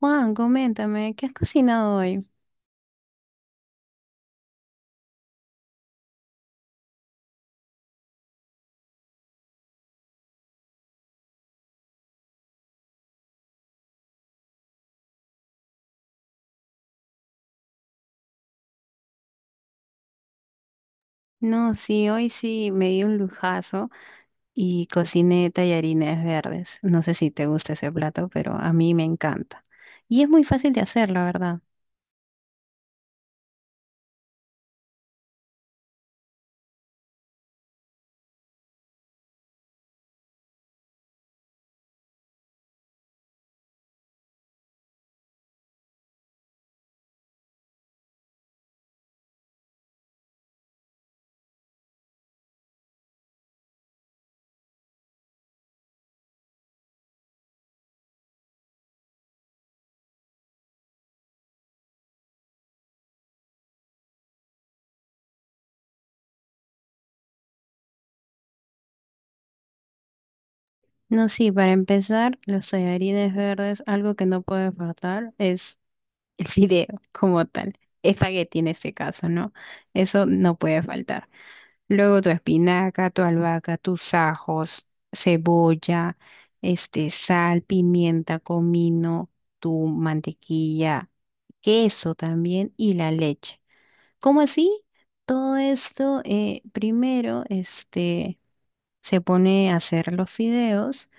Juan, coméntame, ¿qué has cocinado hoy? No, sí, hoy sí me di un lujazo y cociné tallarines verdes. No sé si te gusta ese plato, pero a mí me encanta. Y es muy fácil de hacer, la verdad. No, sí, para empezar, los tallarines verdes, algo que no puede faltar es el fideo como tal. Espagueti en este caso, ¿no? Eso no puede faltar. Luego tu espinaca, tu albahaca, tus ajos, cebolla, sal, pimienta, comino, tu mantequilla, queso también y la leche. ¿Cómo así? Todo esto primero se pone a hacer los fideos,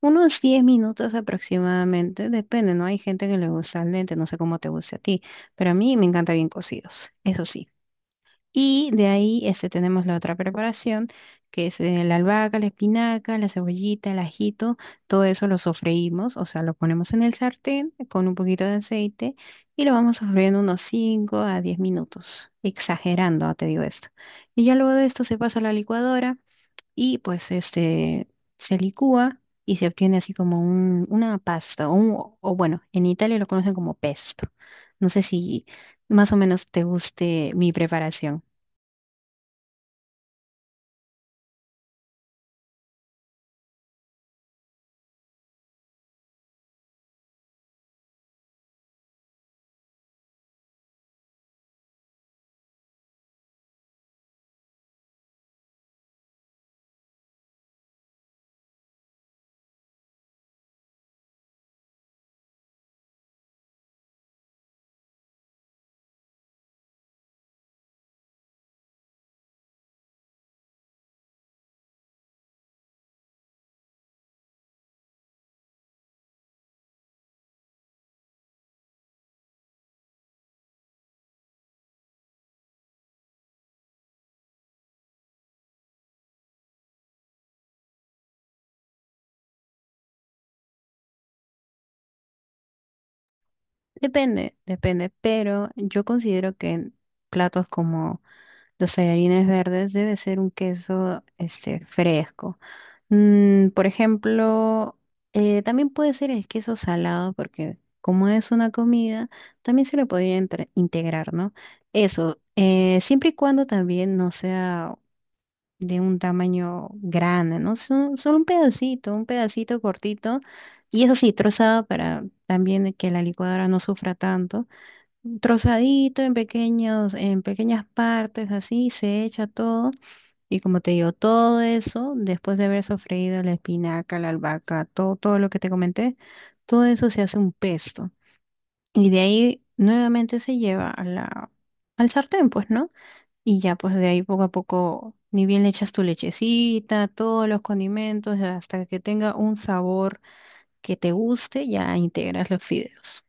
unos 10 minutos aproximadamente, depende, ¿no? Hay gente que le gusta al dente, no sé cómo te guste a ti, pero a mí me encanta bien cocidos, eso sí. Y de ahí tenemos la otra preparación, que es la albahaca, la espinaca, la cebollita, el ajito, todo eso lo sofreímos, o sea, lo ponemos en el sartén con un poquito de aceite y lo vamos sofriendo unos 5 a 10 minutos, exagerando, te digo esto. Y ya luego de esto se pasa a la licuadora y pues se licúa y se obtiene así como una pasta, o, o bueno, en Italia lo conocen como pesto. No sé si más o menos te guste mi preparación. Depende, depende, pero yo considero que en platos como los tallarines verdes debe ser un queso fresco. Por ejemplo, también puede ser el queso salado porque como es una comida, también se le podría integrar, ¿no? Eso, siempre y cuando también no sea de un tamaño grande, ¿no? Solo un pedacito cortito y eso sí, trozado para también que la licuadora no sufra tanto trozadito en pequeñas partes, así se echa todo. Y como te digo, todo eso, después de haber sofreído la espinaca, la albahaca, todo, todo lo que te comenté, todo eso se hace un pesto. Y de ahí nuevamente se lleva a al sartén, pues, ¿no? Y ya, pues de ahí poco a poco, ni bien le echas tu lechecita, todos los condimentos, hasta que tenga un sabor que te guste, ya integras los fideos.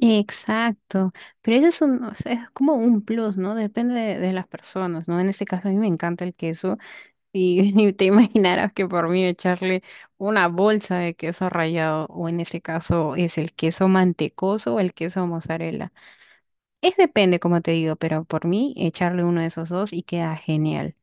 Exacto, pero ese es o sea, es como un plus, ¿no? Depende de las personas, ¿no? En este caso a mí me encanta el queso y, y te imaginarás que por mí echarle una bolsa de queso rallado o en este caso es el queso mantecoso o el queso mozzarella. Es depende, como te digo, pero por mí echarle uno de esos dos y queda genial.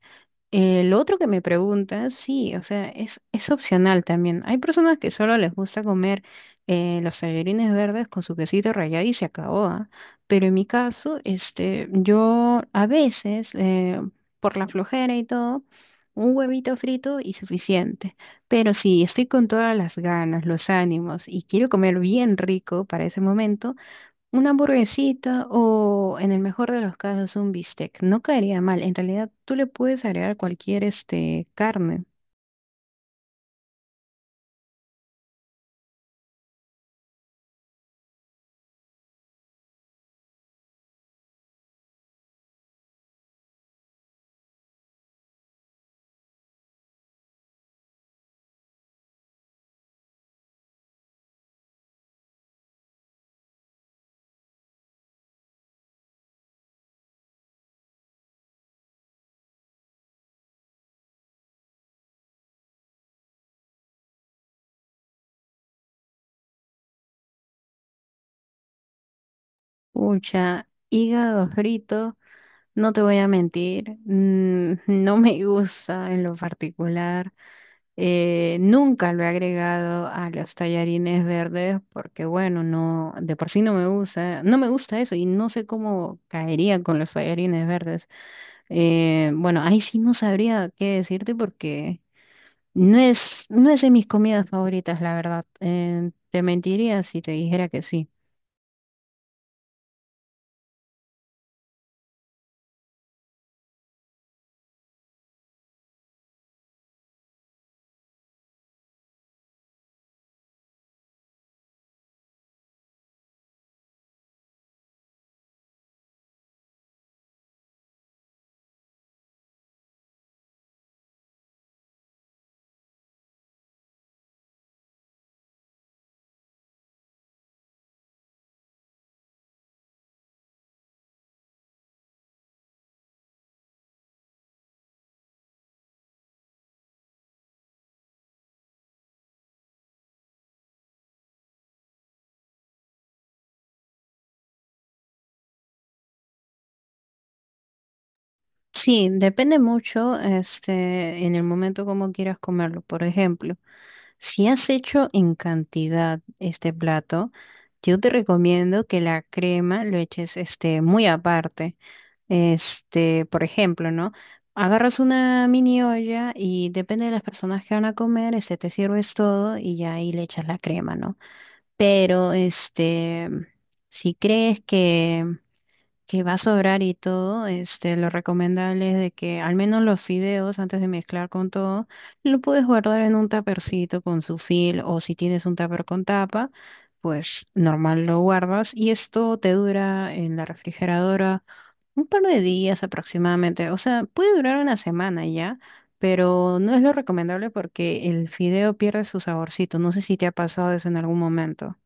El otro que me pregunta, sí, o sea, es opcional también. Hay personas que solo les gusta comer los tallarines verdes con su quesito rallado y se acabó, ¿ah? Pero en mi caso, yo a veces, por la flojera y todo, un huevito frito y suficiente. Pero si estoy con todas las ganas, los ánimos y quiero comer bien rico para ese momento, una hamburguesita o, en el mejor de los casos, un bistec. No caería mal. En realidad, tú le puedes agregar cualquier carne. Pucha, hígado frito, no te voy a mentir, no me gusta en lo particular. Nunca lo he agregado a los tallarines verdes porque, bueno, no, de por sí no me gusta, no me gusta eso y no sé cómo caería con los tallarines verdes. Bueno, ahí sí no sabría qué decirte porque... No es de mis comidas favoritas, la verdad. Te mentiría si te dijera que sí. Sí, depende mucho, en el momento como quieras comerlo. Por ejemplo, si has hecho en cantidad este plato, yo te recomiendo que la crema lo eches, muy aparte. Por ejemplo, ¿no? Agarras una mini olla y depende de las personas que van a comer, te sirves todo y ya ahí le echas la crema, ¿no? Pero si crees que va a sobrar y todo, lo recomendable es de que al menos los fideos, antes de mezclar con todo, lo puedes guardar en un tapercito con su fil o si tienes un tupper con tapa, pues normal lo guardas y esto te dura en la refrigeradora un par de días aproximadamente. O sea, puede durar una semana ya. Pero no es lo recomendable porque el fideo pierde su saborcito. No sé si te ha pasado eso en algún momento.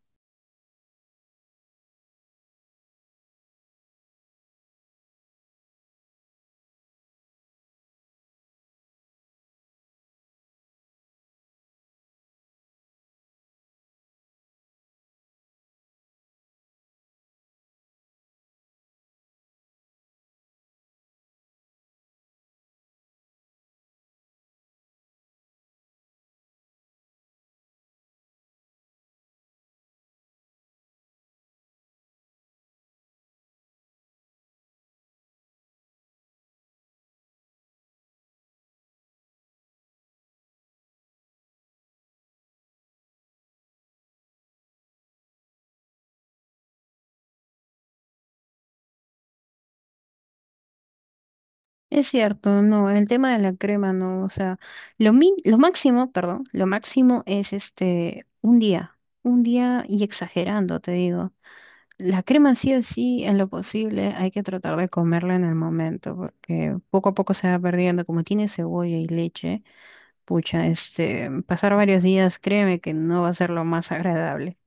Es cierto, no, el tema de la crema, no, o sea, lo máximo, perdón, lo máximo es un día y exagerando, te digo. La crema sí o sí, en lo posible, hay que tratar de comerla en el momento, porque poco a poco se va perdiendo, como tiene cebolla y leche, pucha, pasar varios días, créeme que no va a ser lo más agradable.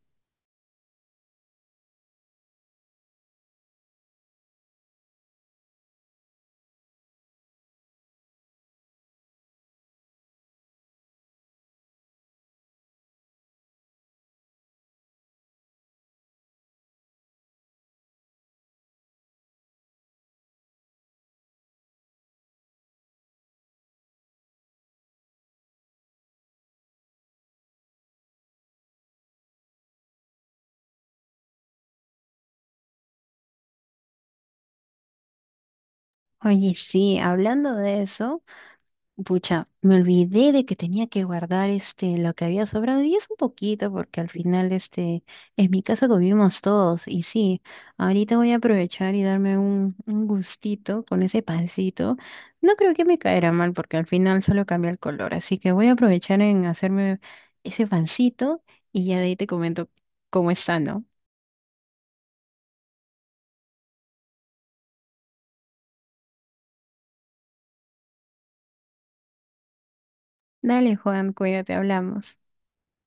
Oye, sí, hablando de eso. Pucha, me olvidé de que tenía que guardar lo que había sobrado y es un poquito porque al final en mi casa comimos todos y sí, ahorita voy a aprovechar y darme un gustito con ese pancito. No creo que me caerá mal porque al final solo cambia el color, así que voy a aprovechar en hacerme ese pancito y ya de ahí te comento cómo está, ¿no? Dale, Juan, cuídate, hablamos.